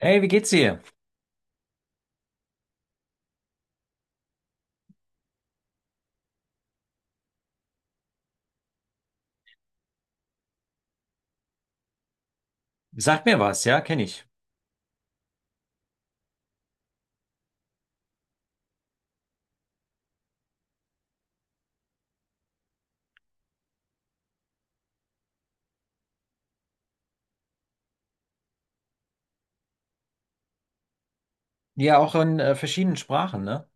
Ey, wie geht's dir? Sag mir was, ja, kenne ich. Ja, auch in verschiedenen Sprachen, ne?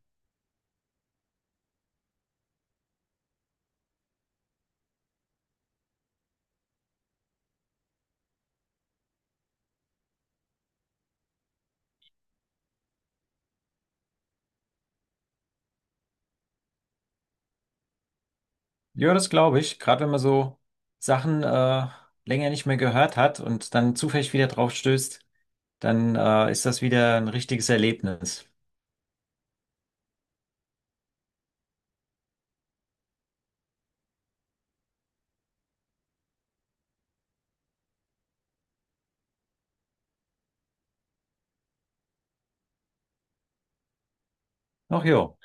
Ja, das glaube ich. Gerade wenn man so Sachen länger nicht mehr gehört hat und dann zufällig wieder drauf stößt, dann ist das wieder ein richtiges Erlebnis. Ach jo,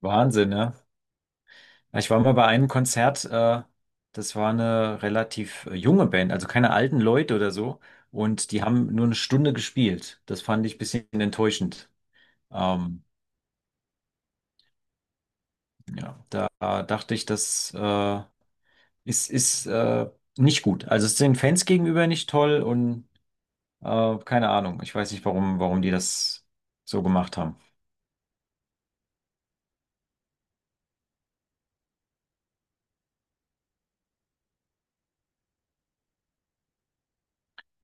Wahnsinn, ne? Ja, ich war mal bei einem Konzert, das war eine relativ junge Band, also keine alten Leute oder so. Und die haben nur eine Stunde gespielt. Das fand ich ein bisschen enttäuschend. Ähm, ja, da dachte ich, dass ist, ist nicht gut. Also es ist den Fans gegenüber nicht toll und keine Ahnung. Ich weiß nicht, warum die das so gemacht haben.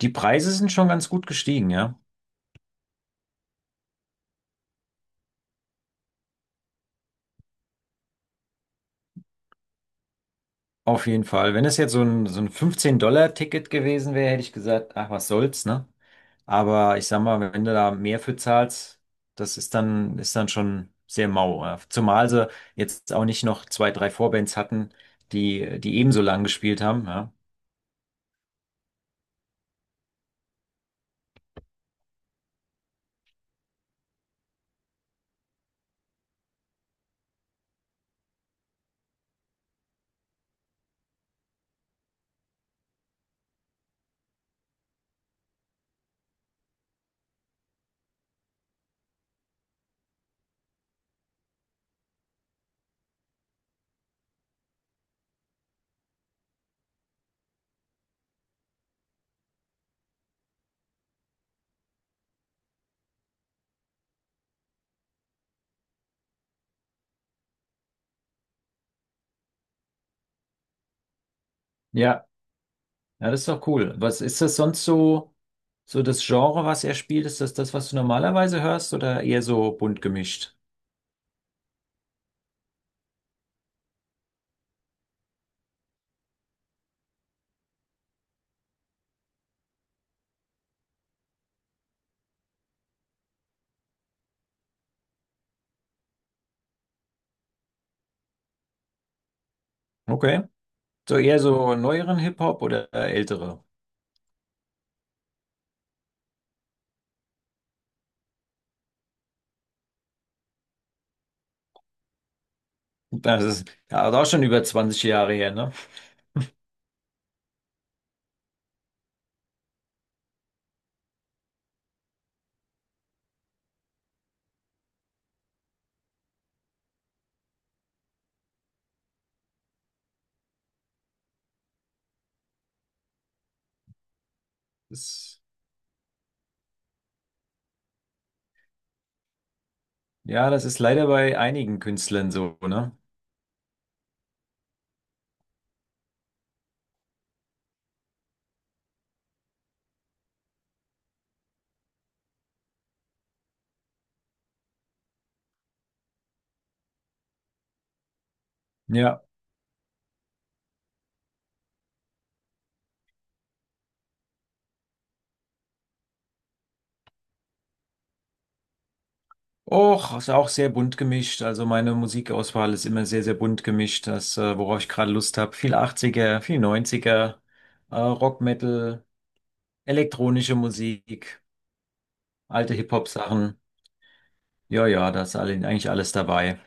Die Preise sind schon ganz gut gestiegen, ja. Auf jeden Fall. Wenn es jetzt so ein 15-Dollar-Ticket gewesen wäre, hätte ich gesagt, ach, was soll's, ne? Aber ich sag mal, wenn du da mehr für zahlst, das ist dann schon sehr mau. Ja. Zumal sie jetzt auch nicht noch zwei, drei Vorbands hatten, die ebenso lang gespielt haben, ja. Ja, ja, das ist doch cool. Was ist das sonst so, so das Genre, was er spielt? Ist das das, was du normalerweise hörst oder eher so bunt gemischt? Okay. So eher so neueren Hip-Hop oder ältere? Das ist ja auch schon über zwanzig Jahre her, ne? Das, ja, das ist leider bei einigen Künstlern so, ne? Ja. Och, ist auch sehr bunt gemischt. Also meine Musikauswahl ist immer sehr, sehr bunt gemischt. Das, worauf ich gerade Lust habe. Viel achtziger, viel neunziger, Rock, Metal, elektronische Musik. Alte Hip-Hop-Sachen. Ja, ja, da ist alle, eigentlich alles dabei.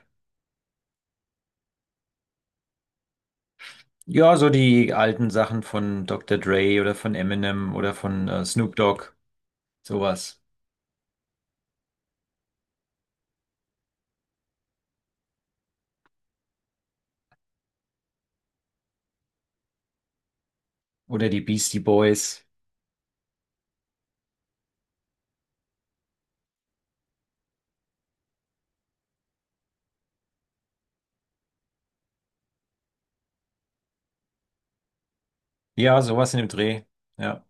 Ja, so die alten Sachen von Dr. Dre oder von Eminem oder von Snoop Dogg, sowas. Oder die Beastie Boys. Ja, sowas in dem Dreh. Ja,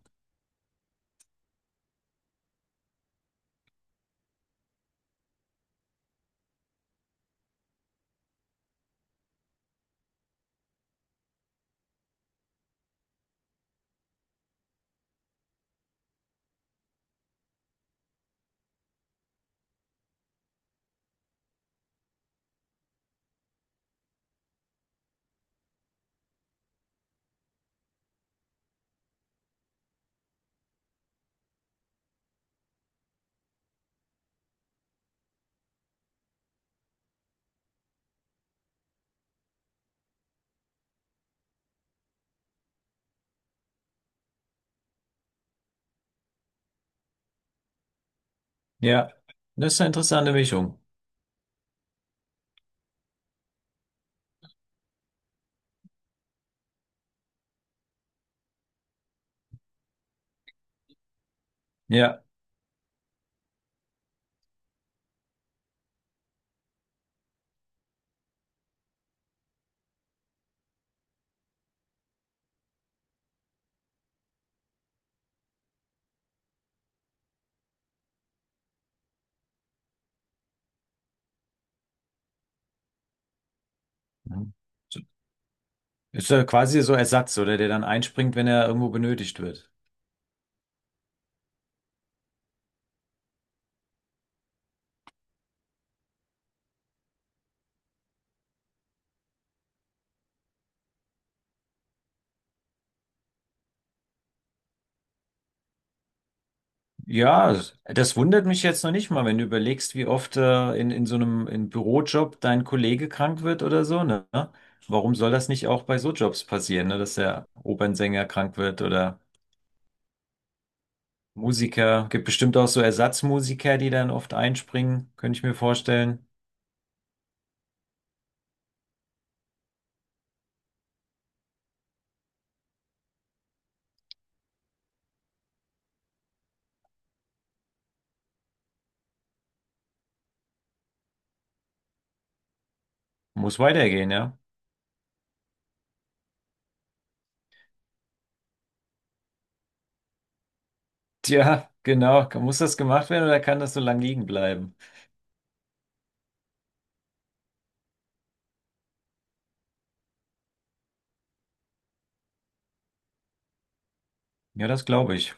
ja. Das ist eine interessante Mischung. Ja. Mhm. So, ist ja quasi so Ersatz, oder der dann einspringt, wenn er irgendwo benötigt wird. Ja, das wundert mich jetzt noch nicht mal, wenn du überlegst, wie oft in so einem in Bürojob dein Kollege krank wird oder so, ne? Warum soll das nicht auch bei so Jobs passieren, ne? Dass der Opernsänger krank wird oder Musiker? Gibt bestimmt auch so Ersatzmusiker, die dann oft einspringen, könnte ich mir vorstellen. Muss weitergehen, ja? Tja, genau. Muss das gemacht werden oder kann das so lang liegen bleiben? Ja, das glaube ich.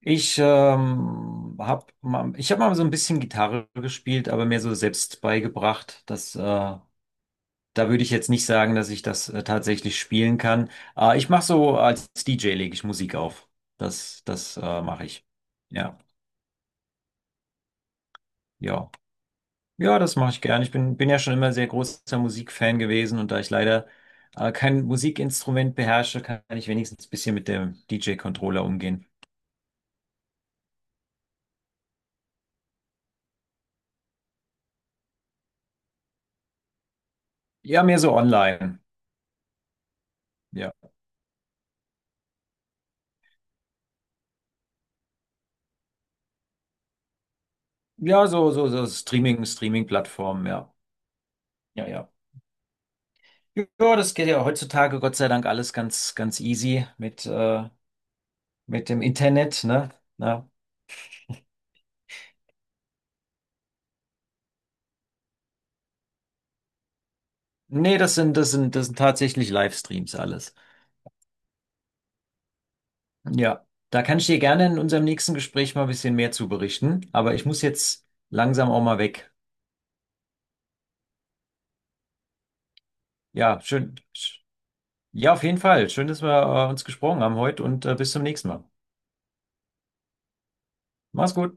Ich hab mal so ein bisschen Gitarre gespielt, aber mir so selbst beigebracht. Das, da würde ich jetzt nicht sagen, dass ich das tatsächlich spielen kann. Ich mache so als DJ lege ich Musik auf. Das, das mache ich. Ja, ja, ja, das mache ich gern. Ich bin ja schon immer sehr großer Musikfan gewesen und da ich leider kein Musikinstrument beherrsche, kann ich wenigstens ein bisschen mit dem DJ-Controller umgehen. Ja, mehr so online. Ja. Ja, so Streaming, Streaming-Plattformen, ja. Ja, ja. Ja, das geht ja heutzutage Gott sei Dank alles ganz, ganz easy mit dem Internet, ne? Ja. Nee, das sind tatsächlich Livestreams alles. Ja. Da kann ich dir gerne in unserem nächsten Gespräch mal ein bisschen mehr zu berichten, aber ich muss jetzt langsam auch mal weg. Ja, Ja, auf jeden Fall. Schön, dass wir, uns gesprochen haben heute und, bis zum nächsten Mal. Mach's gut.